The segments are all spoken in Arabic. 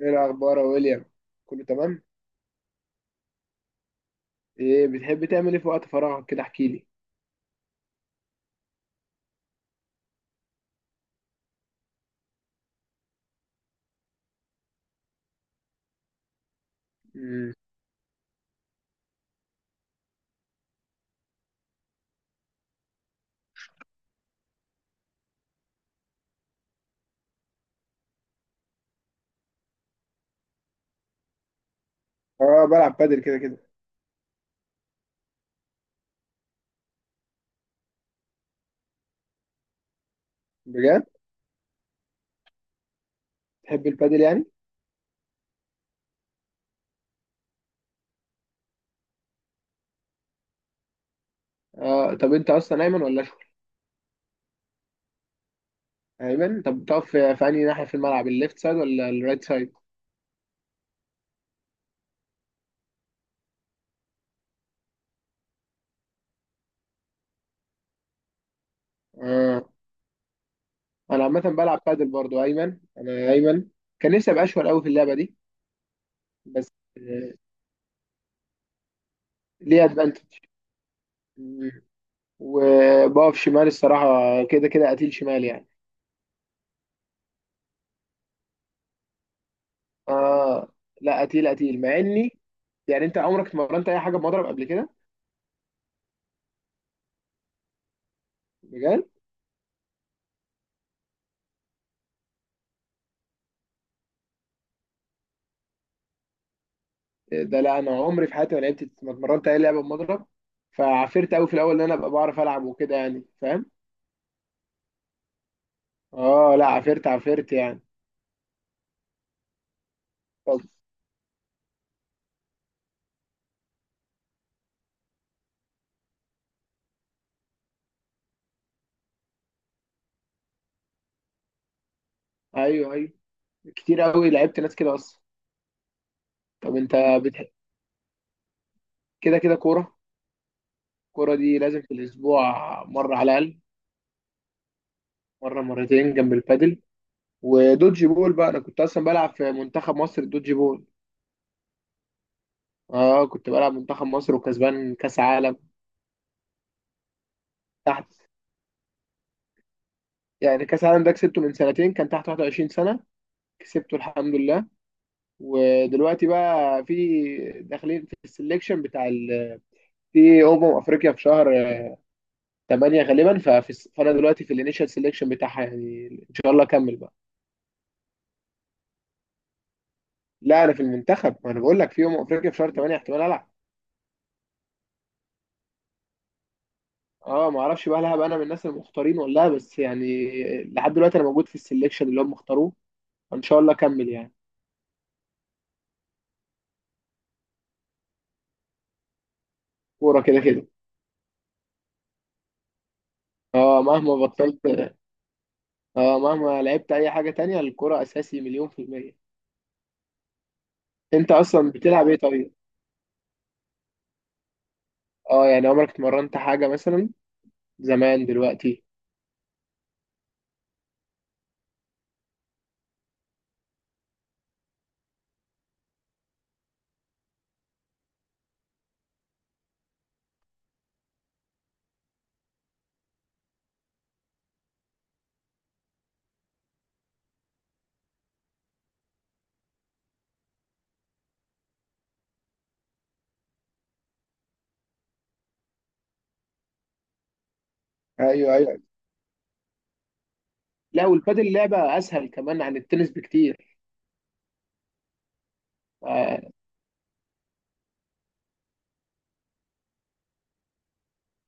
ايه الاخبار يا ويليام؟ كله تمام. ايه بتحب تعمل ايه في وقت فراغك كده؟ احكي لي. امم. اه، بلعب بادل كده كده. بجد؟ تحب البادل يعني؟ اه. طب انت اصلا ايمن ولا اشول؟ ايمن. طب بتقف في انهي ناحيه في الملعب، الليفت سايد ولا الرايت سايد؟ اه، انا عامه بلعب بادل برضو ايمن، انا ايمن. كان نفسي ابقى اشول قوي في اللعبه دي. بس آه، ليه ادفانتج، وبقف شمال الصراحه، كده كده قتيل شمال يعني. اه لا، قتيل قتيل مع اني، يعني انت عمرك اتمرنت اي حاجه بمضرب قبل كده؟ بجد؟ ده لا، انا عمري في حياتي ما لعبت، ما اتمرنت اي لعبه بمضرب، فعفرت قوي في الاول ان انا ابقى بعرف العب وكده، يعني فاهم؟ اه لا، عفرت عفرت يعني. طب. ايوه ايوه، كتير قوي لعبت ناس كده اصلا. طب انت بتح... كده كده كوره. الكوره دي لازم في الاسبوع، مره على الاقل، مره مرتين جنب البادل. ودوجي بول بقى، انا كنت اصلا بلعب في منتخب مصر الدوجي بول. اه، كنت بلعب منتخب مصر وكسبان كاس عالم. تحت، يعني كاس عالم ده كسبته من سنتين، كان تحت 21 سنة، كسبته الحمد لله. ودلوقتي بقى في داخلين في السليكشن في افريقيا في شهر 8 غالبا. فانا دلوقتي في الانيشال سليكشن بتاعها، يعني ان شاء الله اكمل بقى. لا، انا في المنتخب، ما انا بقول لك، في افريقيا في شهر 8 احتمال العب. اه، ما اعرفش بقى، هل هبقى انا من الناس المختارين ولا لا، بس يعني لحد دلوقتي انا موجود في السليكشن اللي هم اختاروه، ان شاء الله اكمل يعني. كوره كده كده. اه، مهما بطلت، اه، مهما لعبت اي حاجة تانية، الكرة اساسي مليون في المية. انت اصلا بتلعب ايه طيب؟ اه يعني، عمرك اتمرنت حاجة مثلا زمان؟ دلوقتي؟ ايوه ايوه. لا، والبادل لعبة اسهل كمان عن التنس بكتير. اه.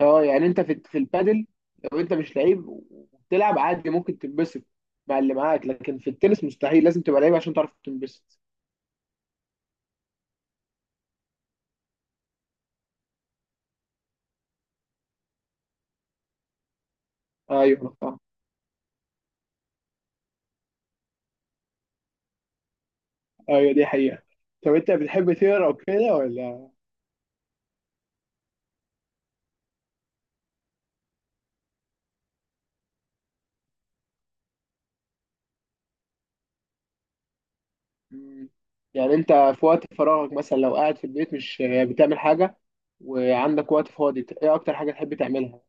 يعني انت في البادل، لو انت مش لعيب وبتلعب عادي ممكن تنبسط مع اللي معاك، لكن في التنس مستحيل، لازم تبقى لعيب عشان تعرف تنبسط. ايوه، أنا فاهم. ايوه، دي حقيقة. طب انت بتحب تقرا وكده ولا؟ مم. يعني انت في وقت فراغك، مثلا لو قاعد في البيت مش بتعمل حاجة وعندك وقت فاضي، ايه اكتر حاجة تحب تعملها؟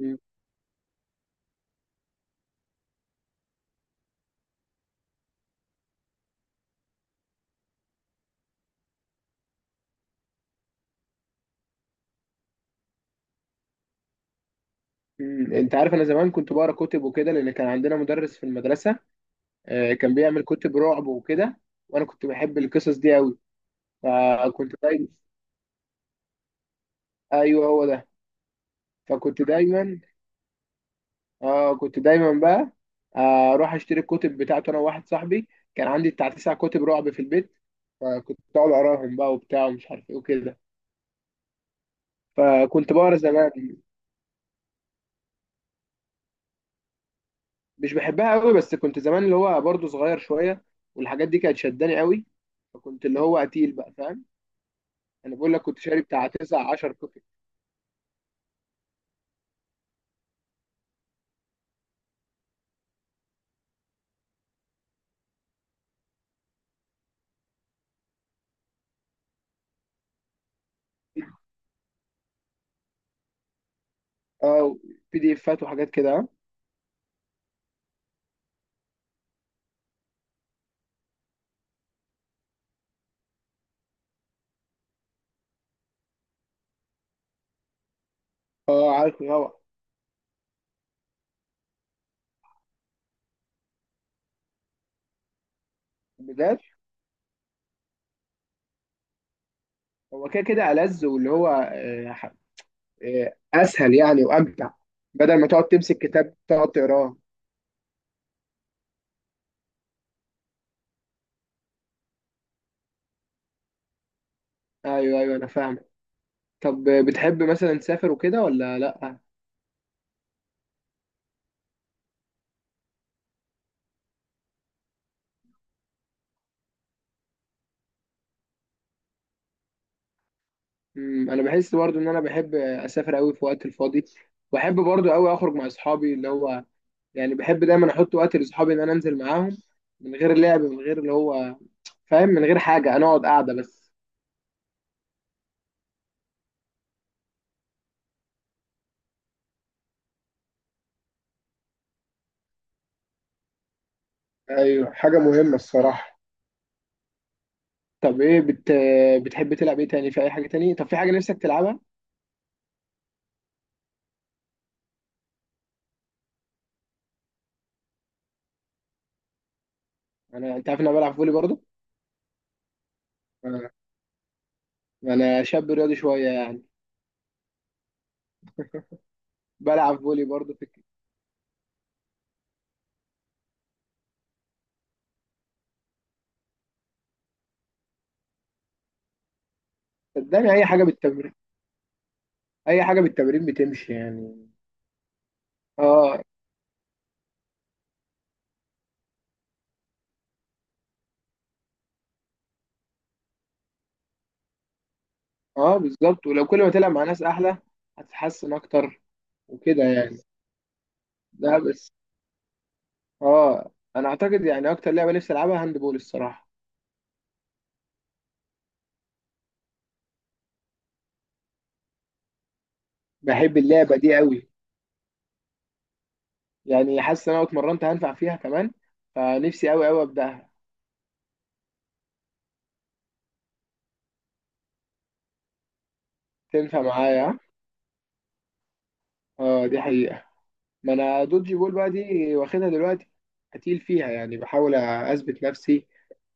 مم. مم. انت عارف، انا زمان كنت بقرا كتب وكده، لان كان عندنا مدرس في المدرسة كان بيعمل كتب رعب وكده، وانا كنت بحب القصص دي قوي، فكنت دايما. ايوه، هو ده. فكنت دايما، اه كنت دايما بقى اروح اشتري الكتب بتاعته انا وواحد صاحبي، كان عندي بتاع تسع كتب رعب في البيت، فكنت اقعد اقراهم بقى وبتاع ومش عارف ايه وكده، فكنت بقرا زمان. مش بحبها قوي، بس كنت زمان اللي هو برضه صغير شويه، والحاجات دي كانت شداني قوي، فكنت اللي هو قتيل بقى، فاهم؟ انا بقول لك كنت شاري بتاع 9 10 كتب. اه، بي دي افات وحاجات كده. اه، عارفه طبعا. بجد؟ هو كده كده ألذ، واللي هو اسهل يعني وامتع، بدل ما تقعد تمسك كتاب تقعد تقراه. ايوه ايوه انا فاهم. طب بتحب مثلا تسافر وكده ولا لا؟ انا بحس برضو ان انا بحب اسافر قوي في وقت الفاضي، واحب برضو قوي اخرج مع اصحابي، اللي هو يعني بحب دايما احط وقت لاصحابي ان انا انزل معاهم، من غير لعب، من غير اللي هو فاهم، من غير حاجه، انا اقعد قاعده بس. ايوه، حاجة مهمة الصراحة. طب ايه بتحب تلعب ايه تاني، في اي حاجه تاني؟ طب في حاجه نفسك تلعبها؟ انا انت عارف ان انا بلعب فولي برضو. آه. انا شاب رياضي شويه يعني، بلعب فولي برضو في، صدقني اي حاجه بالتمرين، اي حاجه بالتمرين بتمشي يعني. اه. اه بالظبط، ولو كل ما تلعب مع ناس احلى هتتحسن اكتر، وكده يعني. ده بس. اه انا اعتقد يعني اكتر لعبه نفسي العبها هاند بول الصراحه، بحب اللعبه دي قوي، يعني حاسس ان انا لو اتمرنت هنفع فيها كمان، فنفسي قوي قوي ابداها. تنفع معايا. اه، دي حقيقه، ما انا دوجي بول بقى دي واخدها دلوقتي، هتقيل فيها يعني، بحاول اثبت نفسي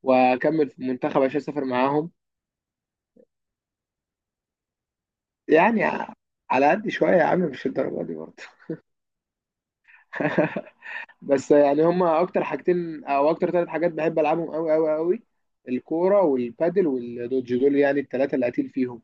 واكمل في المنتخب عشان اسافر معاهم، يعني على قد شويه يا عم، مش الدرجه دي برضه. بس يعني هما اكتر حاجتين او اكتر ثلاث حاجات بحب العبهم قوي قوي قوي، الكوره والبادل والدوج دول يعني الثلاثه اللي قتيل فيهم.